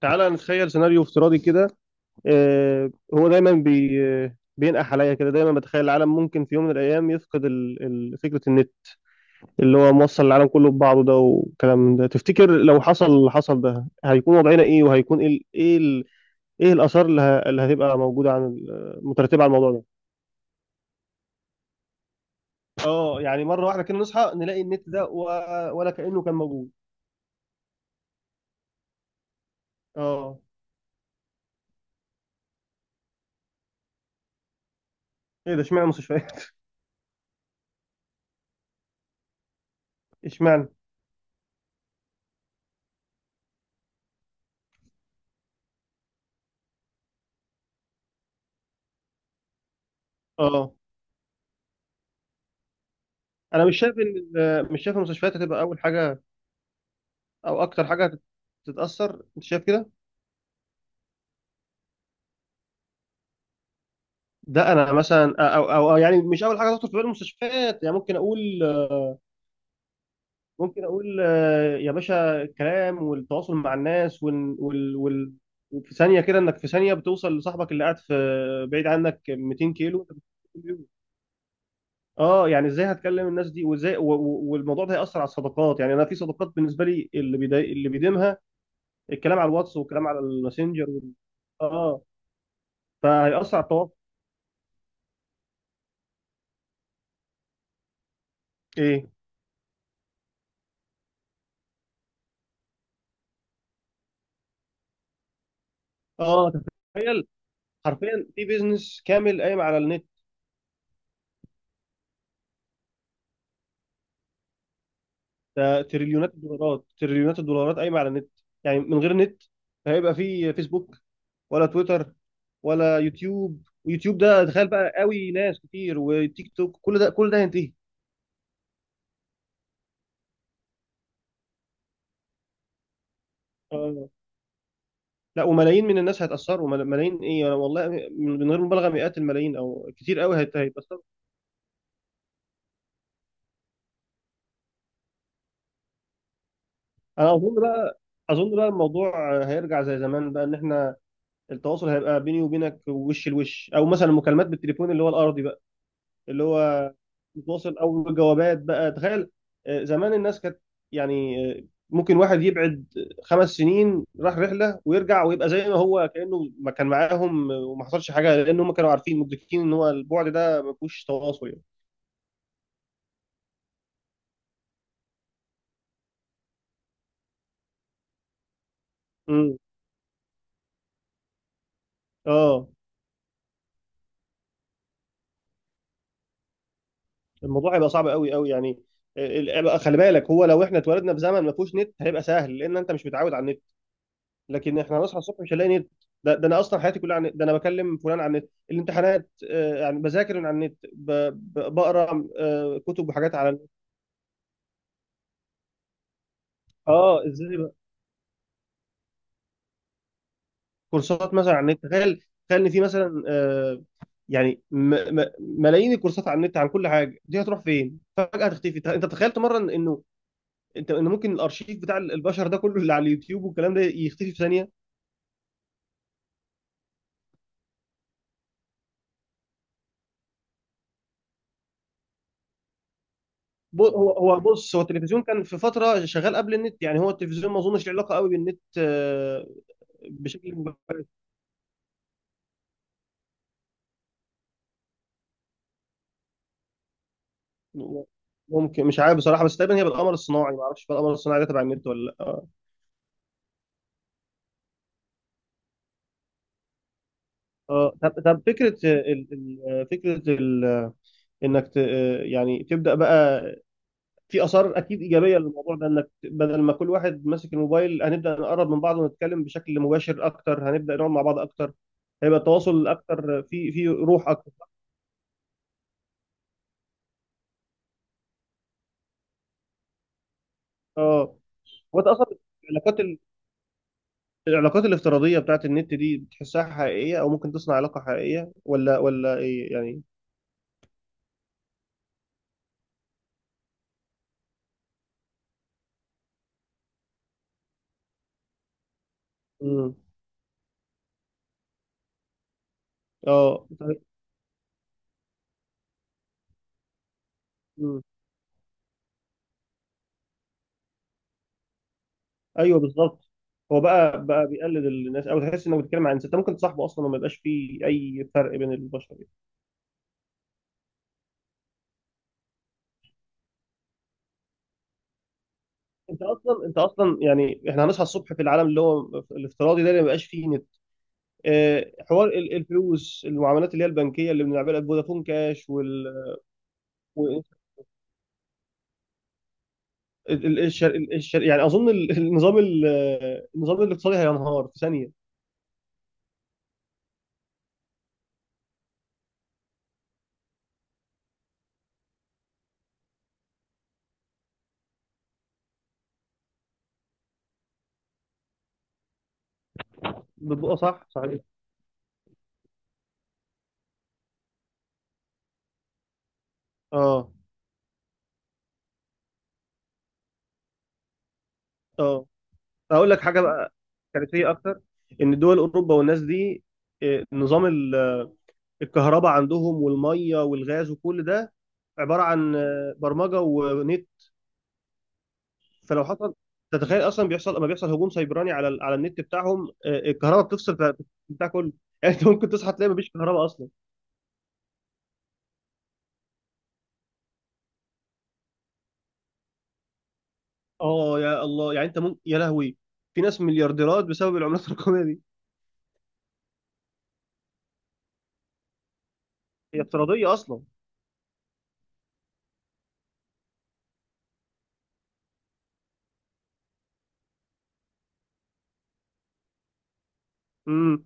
تعالى نتخيل سيناريو افتراضي كده. هو دايما بي آه، بينقح عليا كده، دايما بتخيل العالم ممكن في يوم من الايام يفقد فكره النت اللي هو موصل العالم كله ببعضه ده، والكلام من ده. تفتكر لو حصل اللي حصل ده هيكون وضعنا ايه؟ وهيكون ايه ايه الاثار اللي هتبقى موجوده مترتبه على الموضوع ده؟ اه، يعني مره واحده كده نصحى نلاقي النت ده ولا كانه كان موجود. اه. ايه ده؟ اشمعنى مستشفيات؟ اشمعنى؟ اه، انا مش شايف مش شايف المستشفيات هتبقى اول حاجه او اكتر حاجه تتاثر. انت شايف كده؟ ده انا مثلا أو يعني مش اول حاجه تخطر في بال المستشفيات، يعني. ممكن اقول آه، يا باشا، الكلام والتواصل مع الناس، وال وفي ثانيه كده، انك في ثانيه بتوصل لصاحبك اللي قاعد في بعيد عنك 200 كيلو، أنت بتتكلم بيه. اه، يعني ازاي هتكلم الناس دي وازاي؟ والموضوع ده هيأثر على الصداقات. يعني انا في صداقات بالنسبه لي اللي بيديمها الكلام على الواتس، والكلام على الماسنجر، اه، فهيأثر على التواصل. ايه. اه. تخيل، حرفيا في بيزنس كامل قايم على النت. ده تريليونات الدولارات، تريليونات الدولارات قايمه على النت. يعني من غير نت هيبقى في فيسبوك، ولا تويتر، ولا يوتيوب؟ ويوتيوب ده تخيل بقى قوي، ناس كتير، وتيك توك، كل ده كل ده هينتهي. آه. لا، وملايين من الناس هيتأثروا، ملايين. ايه، انا والله من غير مبالغه مئات الملايين او كتير قوي هيتأثروا. انا اظن بقى الموضوع هيرجع زي زمان بقى، ان احنا التواصل هيبقى بيني وبينك وش لوش، او مثلا مكالمات بالتليفون اللي هو الارضي بقى، اللي هو متواصل، او جوابات بقى. تخيل، آه، زمان الناس كانت، يعني، آه، ممكن واحد يبعد خمس سنين راح رحله ويرجع ويبقى زي ما هو، كانه ما كان معاهم، آه، وما حصلش حاجه، لان هم كانوا عارفين مدركين ان هو البعد ده ما فيهوش تواصل، يعني. امم. اه، الموضوع هيبقى صعب قوي قوي، يعني. آه، بقى خلي بالك، هو لو احنا اتولدنا في زمن ما فيهوش نت هيبقى سهل، لان انت مش متعود على النت. لكن احنا هنصحى الصبح مش هنلاقي نت. ده انا اصلا حياتي كلها عن النت. ده انا بكلم فلان عن النت، الامتحانات، آه، يعني بذاكر من على النت، بقرا آه، كتب وحاجات على النت. اه، ازاي بقى؟ كورسات مثلا على النت؟ تخيل. تخيل ان في مثلا، آه، يعني م م ملايين الكورسات على النت عن كل حاجه، دي هتروح فين؟ فجاه هتختفي. انت تخيلت مره انه انت ان ممكن الارشيف بتاع البشر ده كله، اللي على اليوتيوب والكلام ده، يختفي في ثانيه؟ هو بص، هو التلفزيون كان في فتره شغال قبل النت، يعني هو التلفزيون ما اظنش له علاقه قوي بالنت آه، بشكل مباشر. ممكن، مش عارف بصراحة، بس تقريبا هي بالقمر الصناعي. ما اعرفش بقى القمر الصناعي ده تبع النت ولا لا. اه. آه، طب فكرة فكرة انك يعني تبدأ بقى في آثار اكيد إيجابية للموضوع ده، انك بدل ما كل واحد ماسك الموبايل هنبدأ نقرب من بعض ونتكلم بشكل مباشر اكتر، هنبدأ نقعد مع بعض اكتر. هيبقى التواصل اكتر، في في روح اكتر. اه، وانت اصلا، العلاقات، العلاقات الافتراضية بتاعت النت دي بتحسها حقيقية، أو ممكن تصنع علاقة حقيقية، ولا إيه يعني؟ امم. اه. امم. ايوه، بالظبط. هو بقى بيقلد الناس، أو تحس إنك بتتكلم عن إنسان أنت ممكن تصاحبه أصلا، وما يبقاش فيه أي فرق بين البشر، يعني. أنت أصلا يعني إحنا هنصحى الصبح في العالم اللي هو الافتراضي ده اللي ما بيبقاش فيه نت. آه، حوار الفلوس، المعاملات اللي هي البنكية اللي بنعملها بفودافون كاش، وال، و- يعني أظن النظام النظام الاقتصادي هينهار في ثانية. بتبقى صح. صحيح. اه. اه. اقول لك حاجه بقى كارثيه اكتر، ان دول اوروبا والناس دي، آه، نظام الكهرباء عندهم والميه والغاز وكل ده عباره عن آه، برمجه ونت. فلو حصل، تتخيل اصلا بيحصل لما بيحصل هجوم سيبراني على النت بتاعهم، آه، الكهرباء بتفصل، بتاع كله. يعني انت ممكن تصحى تلاقي مفيش كهرباء اصلا. اه، يا الله، يعني انت ممكن، يا لهوي، في ناس مليارديرات بسبب العملات الرقميه دي. هي افتراضيه اصلا. امم.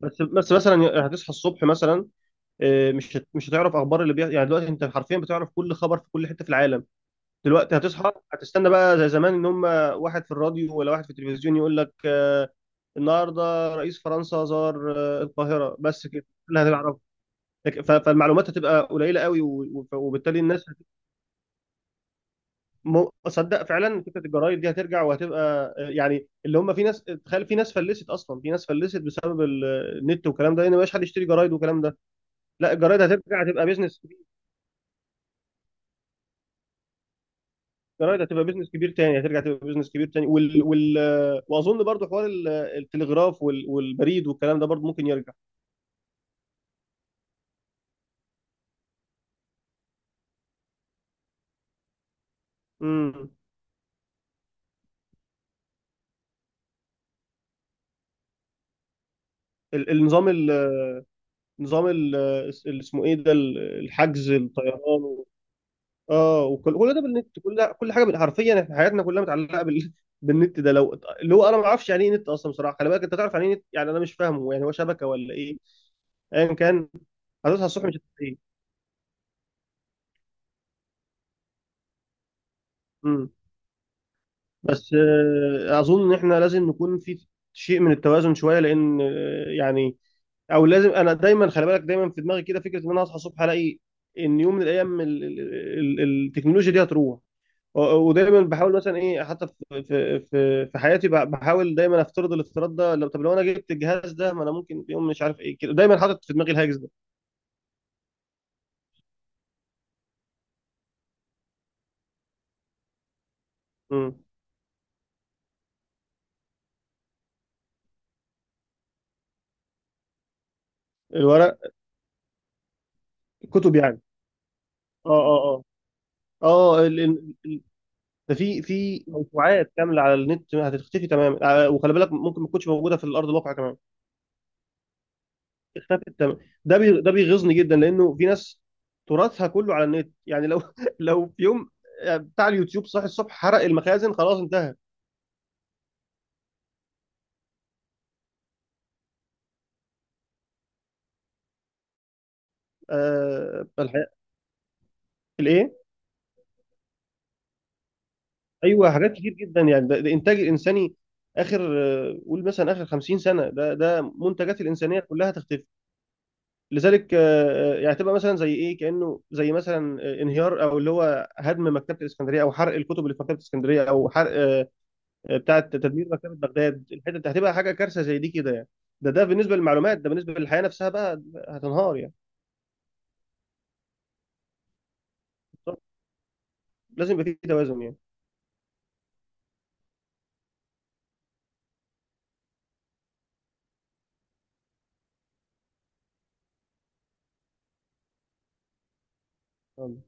بس مثلا هتصحى الصبح مثلا، آه، مش هتعرف اخبار اللي بيحصل. يعني دلوقتي انت حرفيا بتعرف كل خبر في كل حته في العالم. دلوقتي هتصحى، هتستنى بقى زي زمان ان هم واحد في الراديو ولا واحد في التلفزيون يقول لك آه، النهارده رئيس فرنسا زار آه، القاهره. بس كده اللي هتعرفه. فالمعلومات هتبقى قليله قوي، وبالتالي الناس. تصدق فعلا فكره الجرايد دي هترجع، وهتبقى آه، يعني اللي هم، في ناس، تخيل، في ناس فلست اصلا، في ناس فلست بسبب النت والكلام ده، لان ما بقاش حد يشتري جرايد والكلام ده. لا، الجرايد هترجع، هتبقى بيزنس. جرايد هتبقى بيزنس كبير تاني، هترجع تبقى بيزنس كبير تاني. واظن برضو حوار التلغراف والبريد والكلام ده برضو ممكن يرجع. امم. ال- النظام ال... نظام ال... ال- اسمه ايه ده الحجز الطيران اه، وكل ده بالنت، كل ده، كل حاجه حرفيا احنا حياتنا كلها متعلقه بالنت ده. لو اللي هو انا ما اعرفش يعني ايه نت اصلا بصراحه. خلي بالك انت، تعرف يعني ايه نت؟ يعني انا مش فاهمه، يعني هو شبكه ولا ايه؟ ايا كان، هتصحى الصبح مش هتلاقيه. بس آه، اظن ان احنا لازم نكون في شيء من التوازن شويه، لان آه، يعني، او لازم، انا دايما خلي بالك دايما في دماغي كده فكره ان انا اصحى الصبح الاقي ان يوم من الايام التكنولوجيا دي هتروح. و- ودايما بحاول مثلا ايه، حتى في حياتي، بحاول دايما افترض الافتراض ده. لو، طب، لو انا جبت الجهاز ده، ما انا ممكن في يوم مش عارف ايه كده. دايما حاطط في دماغي الهاجس ده. مم. الورق، كتب يعني. اه. اه. اه. اه. ده في في موسوعات كامله على النت هتختفي تماما، آه، وخلي بالك ممكن ما تكونش موجوده في الارض الواقع كمان. اختفت تماما. ده بيغيظني جدا، لانه في ناس تراثها كله على النت. يعني لو لو في يوم، آه، بتاع اليوتيوب صاحي الصبح حرق المخازن، خلاص انتهى. آه، الحياه، الايه. ايوه، حاجات كتير جدا يعني. ده انتاج الانساني اخر، آه، قول مثلا اخر 50 سنه، ده ده منتجات الانسانيه كلها تختفي. لذلك يعني تبقى مثلا زي ايه، كانه زي مثلا آه، انهيار او اللي هو هدم مكتبه الاسكندريه، او حرق الكتب اللي في مكتبه الاسكندريه، او حرق بتاعه، تدمير مكتبه بغداد. الحته دي هتبقى حاجه كارثه زي دي كده يعني. ده بالنسبه للمعلومات. ده بالنسبه للحياه نفسها بقى، هتنهار يعني. لازم يبقى في توازن يعني.